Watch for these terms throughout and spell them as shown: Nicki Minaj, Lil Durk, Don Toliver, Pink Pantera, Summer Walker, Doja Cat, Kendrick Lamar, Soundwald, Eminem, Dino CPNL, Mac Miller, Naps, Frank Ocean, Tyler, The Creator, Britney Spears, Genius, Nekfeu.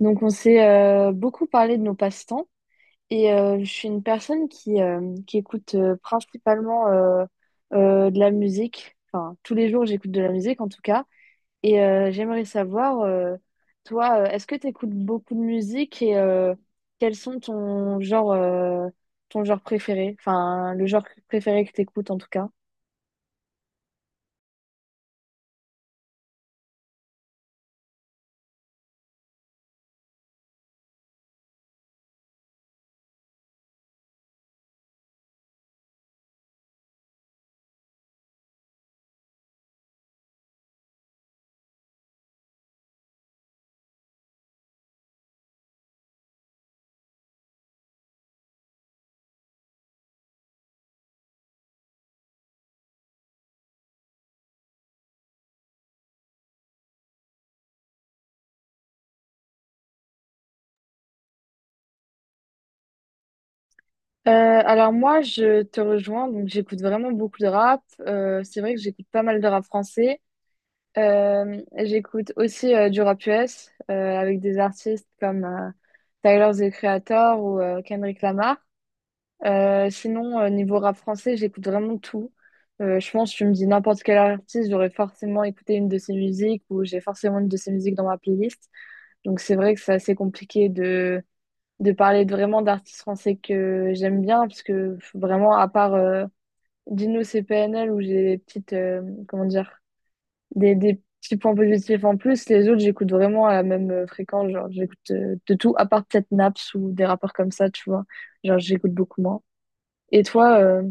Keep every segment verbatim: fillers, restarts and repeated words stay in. Donc, on s'est euh, beaucoup parlé de nos passe-temps et euh, je suis une personne qui, euh, qui écoute euh, principalement euh, euh, de la musique. Enfin, tous les jours, j'écoute de la musique en tout cas. Et euh, j'aimerais savoir, euh, toi, euh, est-ce que tu écoutes beaucoup de musique et euh, quels sont ton genre, euh, ton genre préféré? Enfin, le genre préféré que tu écoutes en tout cas. Euh, alors moi, je te rejoins, donc j'écoute vraiment beaucoup de rap. Euh, c'est vrai que j'écoute pas mal de rap français. Euh, j'écoute aussi euh, du rap U S euh, avec des artistes comme euh, Tyler, The Creator ou euh, Kendrick Lamar. Euh, sinon, euh, niveau rap français, j'écoute vraiment tout. Euh, je pense, tu me dis n'importe quel artiste, j'aurais forcément écouté une de ses musiques ou j'ai forcément une de ses musiques dans ma playlist. Donc c'est vrai que c'est assez compliqué de, de parler de- vraiment d'artistes français que j'aime bien, parce que vraiment, à part euh, Dino C P N L, où j'ai des petites, euh, comment dire, des, des petits points positifs en plus. Les autres, j'écoute vraiment à la même euh, fréquence. Genre, j'écoute euh, de tout, à part peut-être Naps ou des rappeurs comme ça, tu vois. Genre, j'écoute beaucoup moins. Et toi, euh,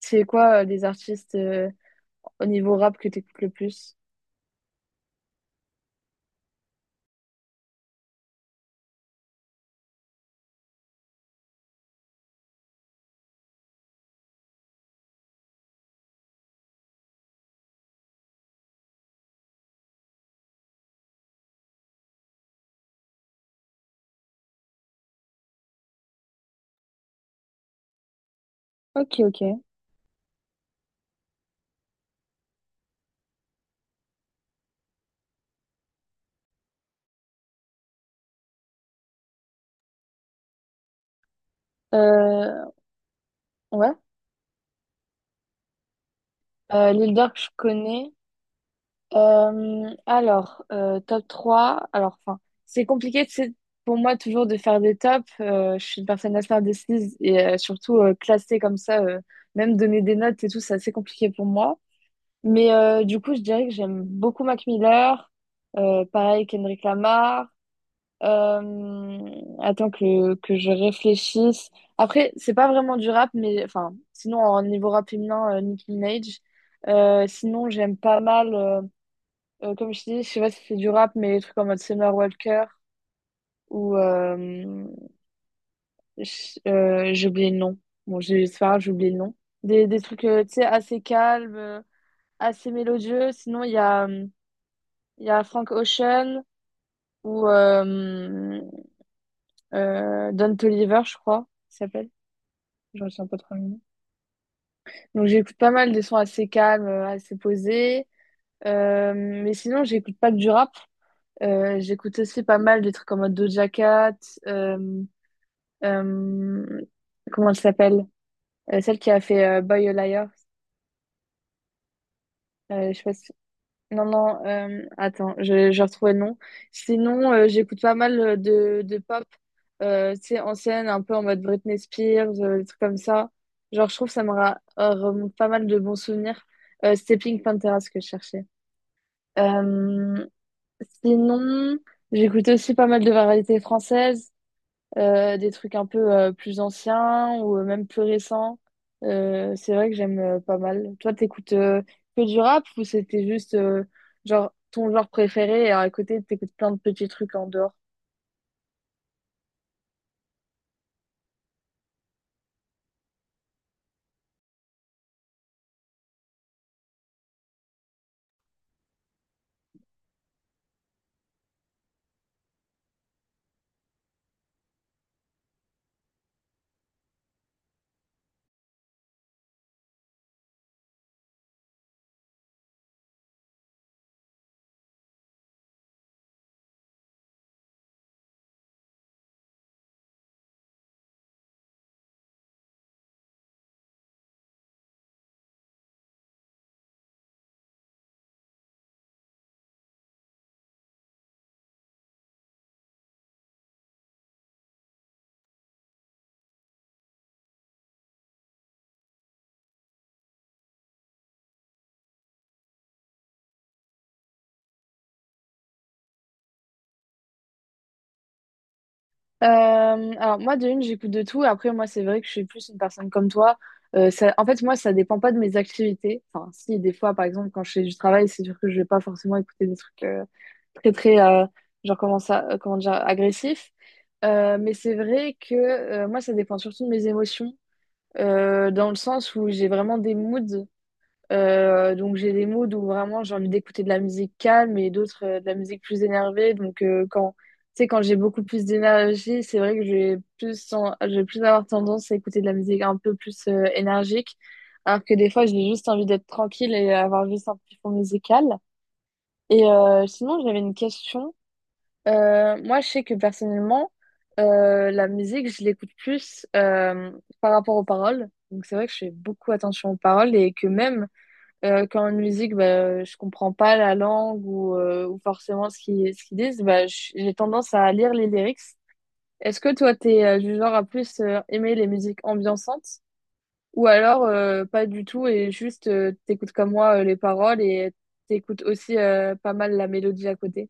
c'est quoi euh, les artistes euh, au niveau rap que t'écoutes le plus? Ok, ok. Euh, ouais. Euh, Lil Durk, je connais. Euh, alors, euh, top trois. Alors, enfin, c'est compliqué, c'est pour moi toujours de faire des tops. Euh, je suis une personne assez indécise et euh, surtout euh, classer comme ça, euh, même donner des notes et tout, c'est assez compliqué pour moi. Mais euh, du coup, je dirais que j'aime beaucoup Mac Miller, euh, pareil Kendrick Lamar. Euh, attends que, que je réfléchisse. Après, c'est pas vraiment du rap, mais enfin, sinon, en niveau rap féminin, euh, Nicki Minaj. Euh, sinon, j'aime pas mal. Euh, euh, comme je dis, je sais pas si c'est du rap, mais des trucs en mode Summer Walker ou euh, je- euh, j'ai oublié le nom. Bon, j'ai c'est pas grave, j'ai oublié le nom. Des, des trucs, euh, tu sais, assez calmes, euh, assez mélodieux. Sinon, il y a, euh, il y a Frank Ocean ou euh, euh, Don Toliver, je crois, il s'appelle. Je retiens pas trop le nom. Donc, j'écoute pas mal des sons assez calmes, euh, assez posés. Euh, mais sinon, j'écoute pas que du rap. Euh, j'écoute aussi pas mal des trucs en mode Doja Cat. euh, euh, Comment elle s'appelle? Euh, celle qui a fait euh, Boy a Liar. Euh, je sais pas si- Non, non, euh, attends, je, je retrouvais le nom. Sinon, euh, j'écoute pas mal euh, de, de pop, euh, tu sais, ancienne, un peu en mode Britney Spears, euh, des trucs comme ça. Genre, je trouve que ça me ra- euh, remonte pas mal de bons souvenirs. Euh, c'était Pink Pantera, ce que je cherchais. Euh, sinon, j'écoute aussi pas mal de variétés françaises. euh, des trucs un peu euh, plus anciens ou euh, même plus récents. Euh, c'est vrai que j'aime euh, pas mal. Toi, t'écoutes euh, que du rap ou c'était juste euh, genre ton genre préféré et à côté, t'écoutes plein de petits trucs en dehors? Euh, alors moi, de une, j'écoute de tout. Après moi c'est vrai que je suis plus une personne comme toi. Euh, ça, en fait moi ça dépend pas de mes activités. Enfin si des fois par exemple quand je fais du travail c'est sûr que je vais pas forcément écouter des trucs euh, très très euh, genre comment ça euh, comment dire agressifs. Euh, mais c'est vrai que euh, moi ça dépend surtout de mes émotions euh, dans le sens où j'ai vraiment des moods. Euh, donc j'ai des moods où vraiment j'ai envie d'écouter de la musique calme et d'autres euh, de la musique plus énervée. Donc euh, quand tu sais, quand j'ai beaucoup plus d'énergie, c'est vrai que je vais plus en- je vais plus avoir tendance à écouter de la musique un peu plus euh, énergique, alors que des fois j'ai juste envie d'être tranquille et avoir juste un petit fond musical. Et euh, sinon j'avais une question. Euh, moi je sais que personnellement euh, la musique je l'écoute plus euh, par rapport aux paroles. Donc c'est vrai que je fais beaucoup attention aux paroles et que même euh, quand en musique, bah, je comprends pas la langue ou, euh, ou forcément ce qu'ils ce qu'ils disent, bah, je- j'ai tendance à lire les lyrics. Est-ce que toi, t'es euh, du genre à plus euh, aimer les musiques ambiançantes ou alors euh, pas du tout et juste euh, t'écoutes comme moi euh, les paroles et t'écoutes aussi euh, pas mal la mélodie à côté?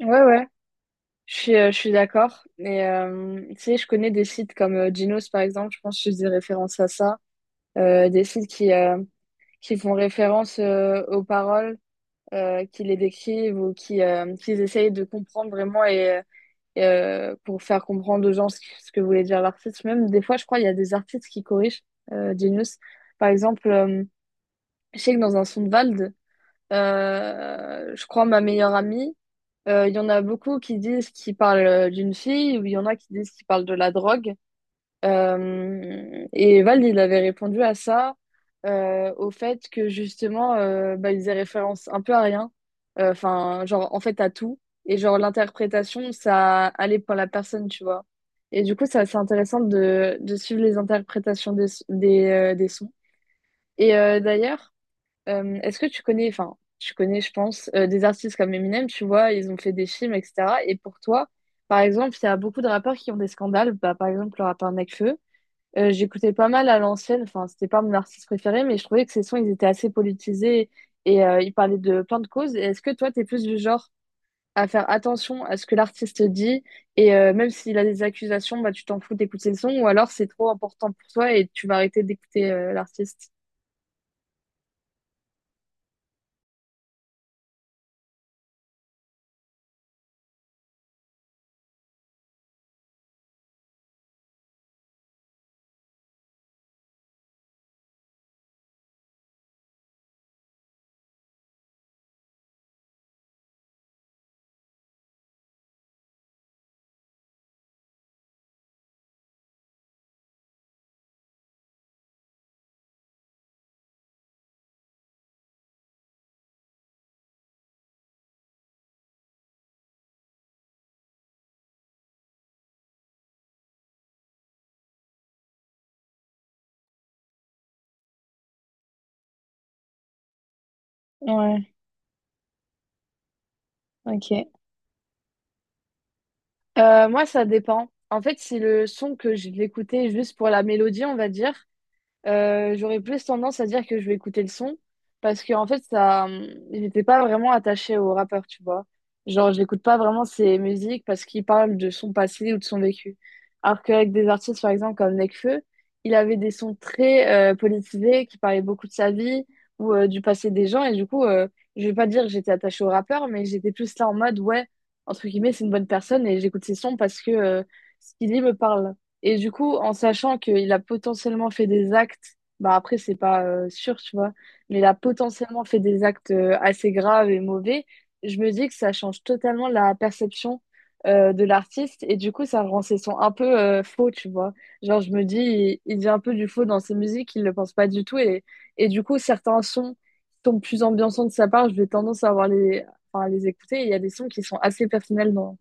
Ouais, ouais, je suis, euh, je suis d'accord. Et euh, tu sais, je connais des sites comme euh, Genos, par exemple, je pense que je faisais référence à ça. Euh, des sites qui, euh, qui font référence euh, aux paroles euh, qui les décrivent ou qui, euh, qu'ils essayent de comprendre vraiment, et, et, euh, pour faire comprendre aux gens ce que, ce que voulait dire l'artiste. Même des fois, je crois, il y a des artistes qui corrigent euh, Genius. Par exemple, euh, je sais que dans un Soundwald, euh, je crois, ma meilleure amie, euh, il y en a beaucoup qui disent qu'ils parlent euh, d'une fille ou il y en a qui disent qu'ils parlent de la drogue. Euh, et Val, il avait répondu à ça, euh, au fait que justement, euh, bah, il faisait référence un peu à rien. Euh, enfin, genre, en fait, à tout. Et genre, l'interprétation, ça allait pour la personne, tu vois. Et du coup, c'est assez intéressant de, de suivre les interprétations des, des, euh, des sons. Et euh, d'ailleurs, euh, est-ce que tu connais, enfin, tu connais, je pense, euh, des artistes comme Eminem, tu vois, ils ont fait des films, et cetera. Et pour toi, par exemple, il y a beaucoup de rappeurs qui ont des scandales, bah, par exemple, le rappeur Nekfeu. Euh, j'écoutais pas mal à l'ancienne, enfin, c'était pas mon artiste préféré, mais je trouvais que ses sons, ils étaient assez politisés et euh, ils parlaient de plein de causes. Et est-ce que toi, t'es plus du genre à faire attention à ce que l'artiste dit et euh, même s'il a des accusations, bah, tu t'en fous d'écouter le son ou alors c'est trop important pour toi et tu vas arrêter d'écouter euh, l'artiste? Ouais, ok. Euh, moi, ça dépend. En fait, si le son que je l'écoutais juste pour la mélodie, on va dire, Euh, j'aurais plus tendance à dire que je vais écouter le son parce que en fait ça hum, j'étais pas vraiment attachée au rappeur, tu vois, genre j'écoute pas vraiment ses musiques parce qu'il parle de son passé ou de son vécu, alors qu'avec des artistes par exemple comme Nekfeu, il avait des sons très euh, politisés qui parlaient beaucoup de sa vie ou euh, du passé des gens. Et du coup euh, je vais pas dire que j'étais attachée au rappeur, mais j'étais plus là en mode ouais, entre guillemets, c'est une bonne personne, et j'écoute ses sons parce que euh, ce qu'il dit me parle. Et du coup, en sachant qu'il a potentiellement fait des actes, bah après, c'est pas euh, sûr, tu vois, mais il a potentiellement fait des actes euh, assez graves et mauvais, je me dis que ça change totalement la perception euh, de l'artiste et du coup, ça rend ses sons un peu euh, faux, tu vois. Genre, je me dis, il, il dit un peu du faux dans ses musiques, il le pense pas du tout, et, et du coup, certains sons sont plus ambiançants de sa part, je vais tendance à avoir les, enfin, à les écouter, et il y a des sons qui sont assez personnels dans,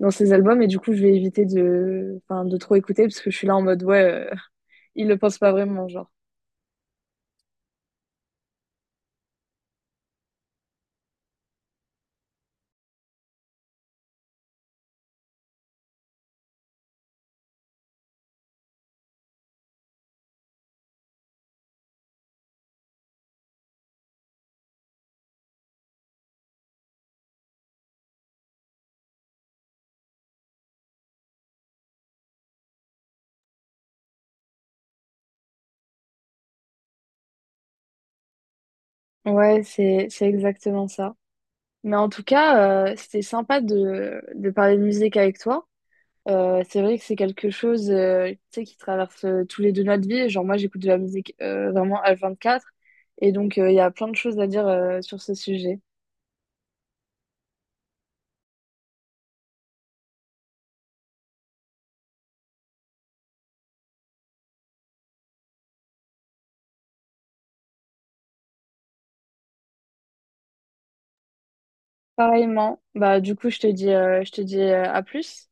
dans ses albums et du coup je vais éviter de, enfin, de trop écouter parce que je suis là en mode ouais euh, il le pense pas vraiment, genre. Ouais, c'est c'est exactement ça, mais en tout cas euh, c'était sympa de de parler de musique avec toi. Euh, c'est vrai que c'est quelque chose euh, tu sais qui traverse euh, tous les deux notre vie, genre moi j'écoute de la musique euh, vraiment H vingt-quatre et donc euh, il y a plein de choses à dire euh, sur ce sujet. Pareillement, bah du coup je te dis euh, je te dis euh, à plus.